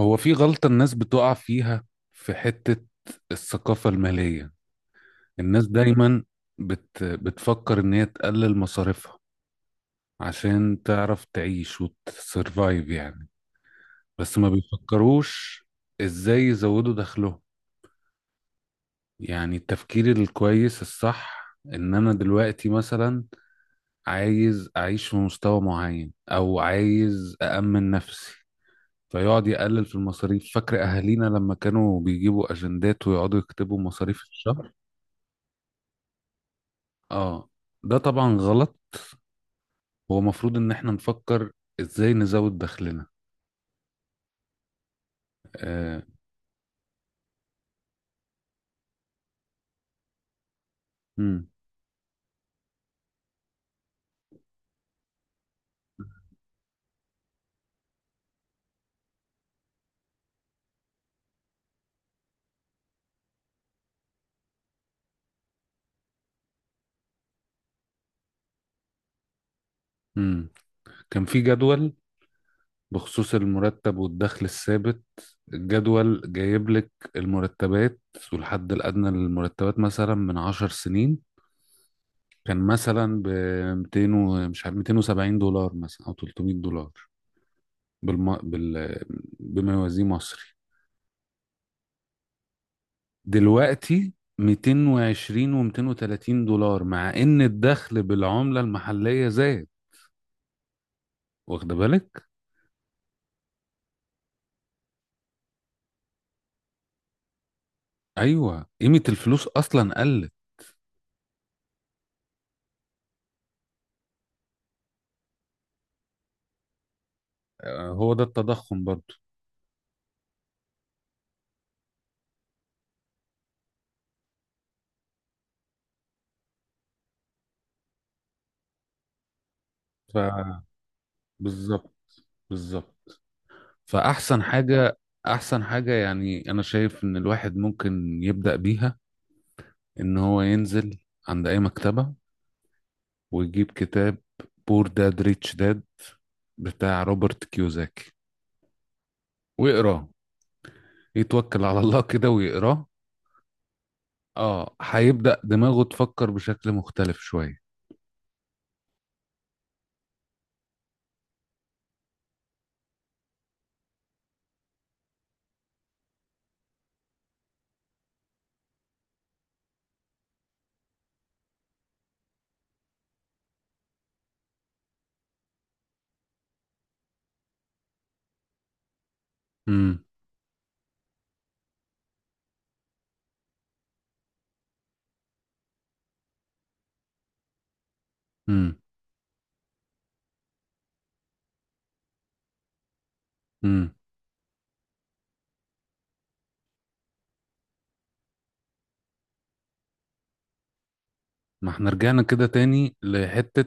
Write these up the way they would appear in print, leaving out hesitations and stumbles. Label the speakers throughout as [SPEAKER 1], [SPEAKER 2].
[SPEAKER 1] هو في غلطة الناس بتقع فيها في حتة الثقافة المالية. الناس دايما بتفكر إن هي تقلل مصاريفها عشان تعرف تعيش وتسرفايف يعني، بس ما بيفكروش إزاي يزودوا دخلهم. يعني التفكير الكويس الصح إن أنا دلوقتي مثلا عايز أعيش في مستوى معين أو عايز أأمن نفسي، فيقعد يقلل في المصاريف. فاكر اهالينا لما كانوا بيجيبوا اجندات ويقعدوا يكتبوا مصاريف الشهر؟ اه، ده طبعا غلط. هو المفروض ان احنا نفكر ازاي نزود دخلنا. آه. مم. مم. كان في جدول بخصوص المرتب والدخل الثابت. الجدول جايب لك المرتبات والحد الأدنى للمرتبات مثلا من 10 سنين كان مثلا ب 200 و- مش عارف 270 دولار مثلا أو 300 دولار بالم... بال... بما يوازيه مصري. دلوقتي 220 و230 دولار مع ان الدخل بالعملة المحلية زاد، واخد بالك؟ ايوه، قيمة الفلوس اصلا قلت. آه، هو ده التضخم برضو. ف بالظبط، بالظبط. فاحسن حاجة احسن حاجة يعني انا شايف ان الواحد ممكن يبدأ بيها ان هو ينزل عند اي مكتبة ويجيب كتاب بور داد ريتش داد بتاع روبرت كيوزاكي ويقراه، يتوكل على الله كده ويقراه. اه، هيبدأ دماغه تفكر بشكل مختلف شوية. امم. امم. امم. ما احنا رجعنا كده تاني لحتة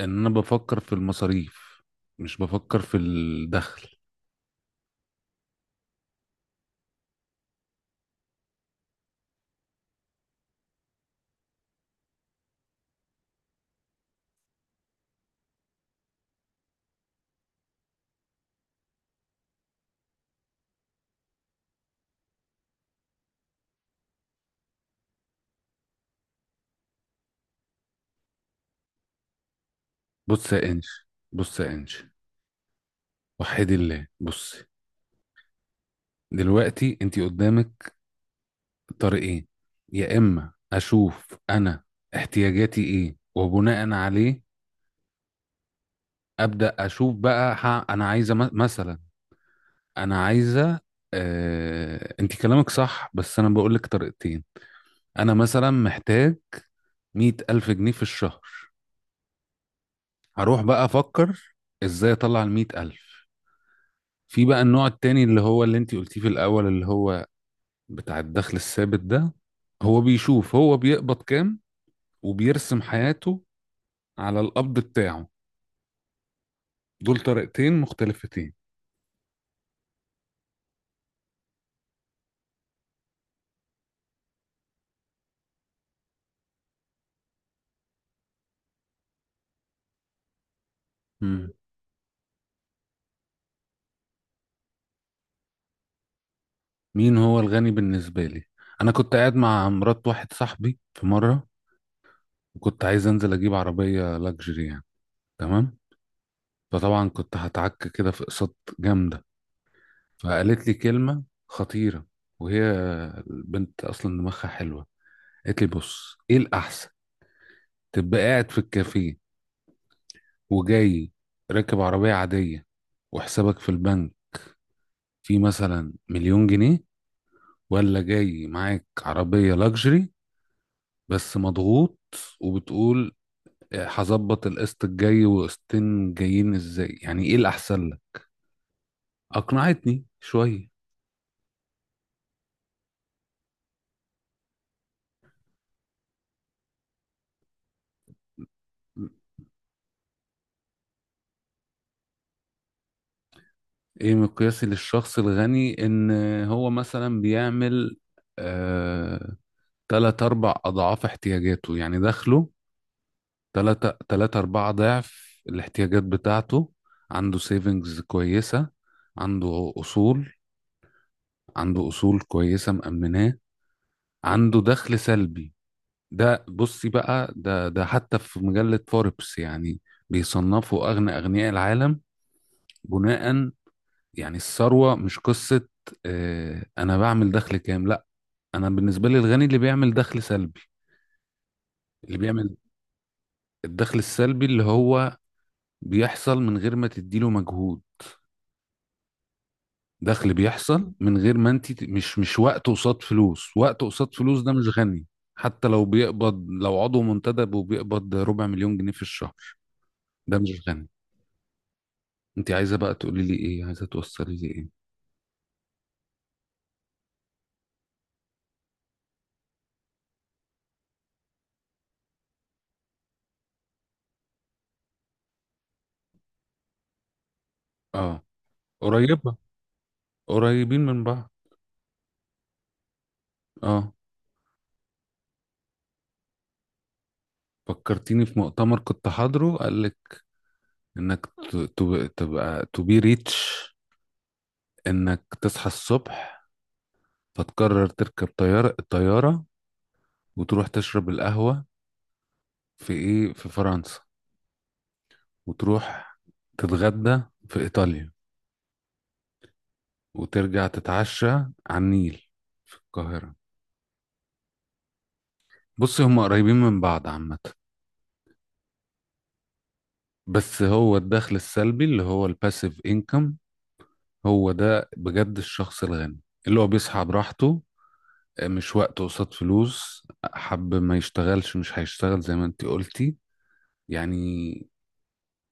[SPEAKER 1] ان انا بفكر في المصاريف مش بفكر في الدخل. بص يا انش، بص يا انش، وحدي الله بصي. دلوقتي انتي قدامك طريقين. يا اما اشوف انا احتياجاتي ايه وبناء عليه ابدأ اشوف بقى، انا عايزة مثلا انا عايزه، انت كلامك صح بس انا بقول لك طريقتين. انا مثلا محتاج 100 ألف جنيه في الشهر، هروح بقى افكر ازاي اطلع ال100 ألف. في بقى النوع التاني اللي هو اللي انت قلتيه في الاول اللي هو بتاع الدخل الثابت ده، هو بيشوف هو بيقبض كام وبيرسم حياته على القبض بتاعه. دول طريقتين مختلفتين. مم. مين هو الغني بالنسبة لي؟ أنا كنت قاعد مع مرات واحد صاحبي في مرة وكنت عايز انزل اجيب عربيه لاكجري يعني، تمام. فطبعا كنت هتعك كده في اقساط جامده. فقالت لي كلمه خطيره، وهي البنت اصلا دماغها حلوه، قالت لي بص، ايه الاحسن؟ تبقى قاعد في الكافيه وجاي راكب عربيه عاديه وحسابك في البنك فيه مثلا مليون جنيه، ولا جاي معاك عربيه لاكجري بس مضغوط وبتقول هظبط القسط الجاي وقسطين جايين ازاي؟ يعني ايه الاحسن لك؟ أقنعتني شوية. إيه مقياسي للشخص الغني؟ إن هو مثلا بيعمل آه تلات أربع أضعاف احتياجاته، يعني دخله تلاتة تلاتة أربعة ضعف الاحتياجات بتاعته، عنده سيفنجز كويسة، عنده أصول، عنده أصول كويسة مأمناه، عنده دخل سلبي. ده بصي بقى، ده ده حتى في مجلة فوربس يعني بيصنفوا أغنى أغنياء العالم بناء، يعني الثروة مش قصة آه، أنا بعمل دخل كام، لأ. أنا بالنسبة لي الغني اللي بيعمل دخل سلبي، اللي بيعمل. الدخل السلبي اللي هو بيحصل من غير ما تديله مجهود، دخل بيحصل من غير ما أنت مش وقت قصاد فلوس، وقت قصاد فلوس ده مش غني. حتى لو بيقبض لو عضو منتدب وبيقبض ربع مليون جنيه في الشهر ده مش غني. أنت عايزة بقى تقولي لي إيه، عايزة توصلي لي إيه؟ آه، قريبة. قريبين من بعض. آه، فكرتيني في مؤتمر كنت حاضره، قال انك تبقى تو بي ريتش. انك تصحى الصبح فتقرر تركب طيارة، الطيارة وتروح تشرب القهوة في ايه، في فرنسا، وتروح تتغدى في ايطاليا، وترجع تتعشى على النيل في القاهرة. بص، هم قريبين من بعض عامة. بس هو الدخل السلبي اللي هو الباسيف انكم، هو ده بجد الشخص الغني، اللي هو بيصحى براحته، مش وقت قصاد فلوس، حب ما يشتغلش مش هيشتغل زي ما انت قلتي يعني.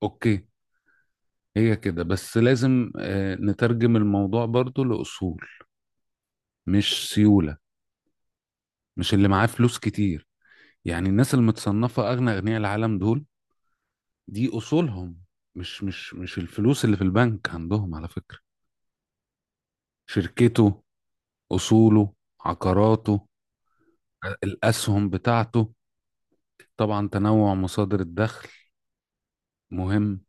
[SPEAKER 1] اوكي. هي كده، بس لازم آه، نترجم الموضوع برضو لأصول، مش سيولة، مش اللي معاه فلوس كتير. يعني الناس المتصنفة أغنى أغنياء العالم دول، دي أصولهم، مش الفلوس اللي في البنك عندهم على فكرة. شركته، أصوله، عقاراته، الأسهم بتاعته. طبعا تنوع مصادر الدخل مهم.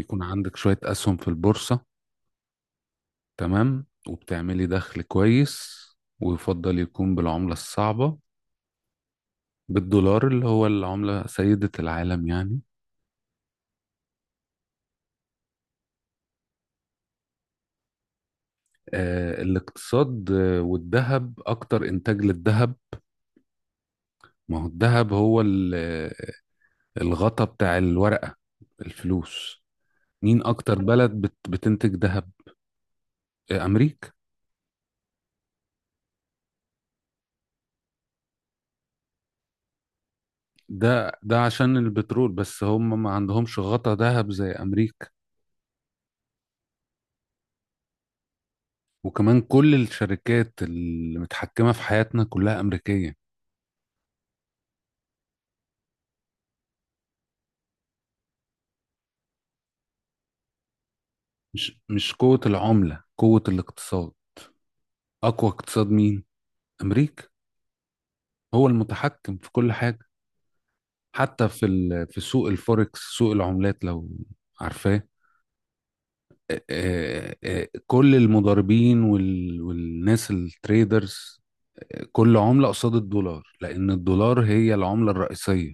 [SPEAKER 1] يكون عندك شوية أسهم في البورصة، تمام، وبتعملي دخل كويس، ويفضل يكون بالعملة الصعبة، بالدولار اللي هو العملة سيدة العالم يعني. آه، الاقتصاد آه، والذهب، أكتر إنتاج للذهب. ما هو الذهب هو الغطا بتاع الورقة، الفلوس. مين أكتر بلد بتنتج ذهب؟ آه، أمريكا. ده ده عشان البترول، بس هم ما عندهمش غطا ذهب زي أمريكا. وكمان كل الشركات اللي متحكمة في حياتنا كلها أمريكية. مش قوة العملة، قوة الاقتصاد. أقوى اقتصاد مين؟ أمريكا. هو المتحكم في كل حاجة. حتى في في سوق الفوركس، سوق العملات، لو عارفاه. آه، آه، آه، كل المضاربين والناس التريدرز، آه، كل عملة قصاد الدولار لأن الدولار هي العملة الرئيسية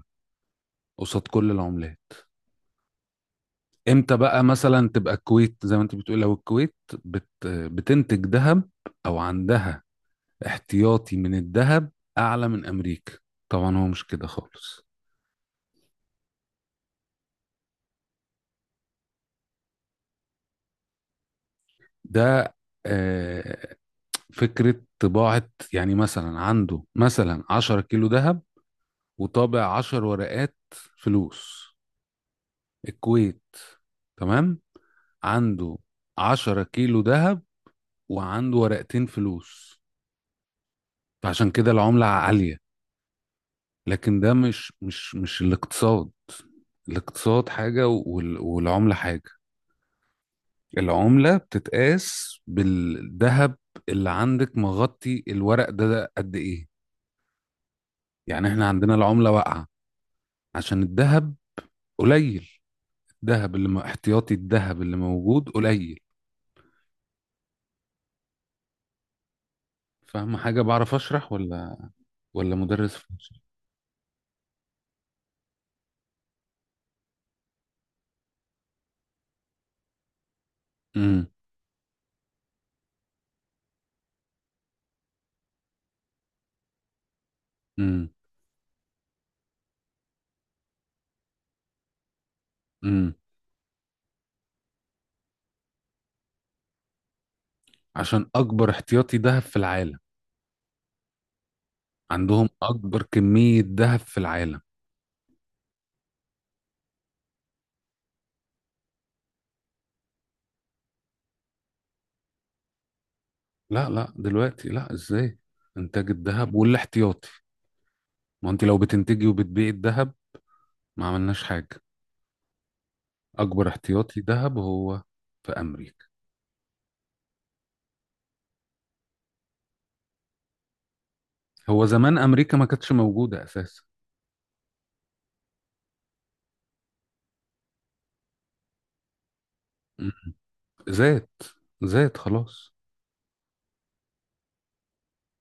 [SPEAKER 1] قصاد كل العملات. امتى بقى مثلا تبقى الكويت زي ما انت بتقول؟ لو الكويت بتنتج ذهب او عندها احتياطي من الذهب اعلى من امريكا، طبعا هو مش كده خالص. ده آه، فكرة طباعة. يعني مثلا عنده مثلا 10 كيلو ذهب وطابع 10 ورقات فلوس. الكويت، تمام، عنده 10 كيلو ذهب وعنده ورقتين فلوس، فعشان كده العملة عالية. لكن ده مش الاقتصاد. الاقتصاد حاجة والعملة حاجة. العملة بتتقاس بالذهب اللي عندك مغطي الورق ده، ده قد ايه. يعني احنا عندنا العملة واقعة عشان الذهب قليل. الذهب اللي احتياطي الذهب اللي موجود قليل. فاهم حاجة؟ بعرف اشرح ولا ولا مدرس في مصر؟ امم. امم. امم. عشان اكبر احتياطي ذهب في العالم، عندهم اكبر كمية ذهب في العالم. لا لا، دلوقتي لا، ازاي. انتاج الذهب والاحتياطي، ما انت لو بتنتجي وبتبيعي الذهب ما عملناش حاجة. اكبر احتياطي ذهب هو في امريكا. هو زمان امريكا ما كانتش موجودة اساسا. م- م. زاد. زاد خلاص.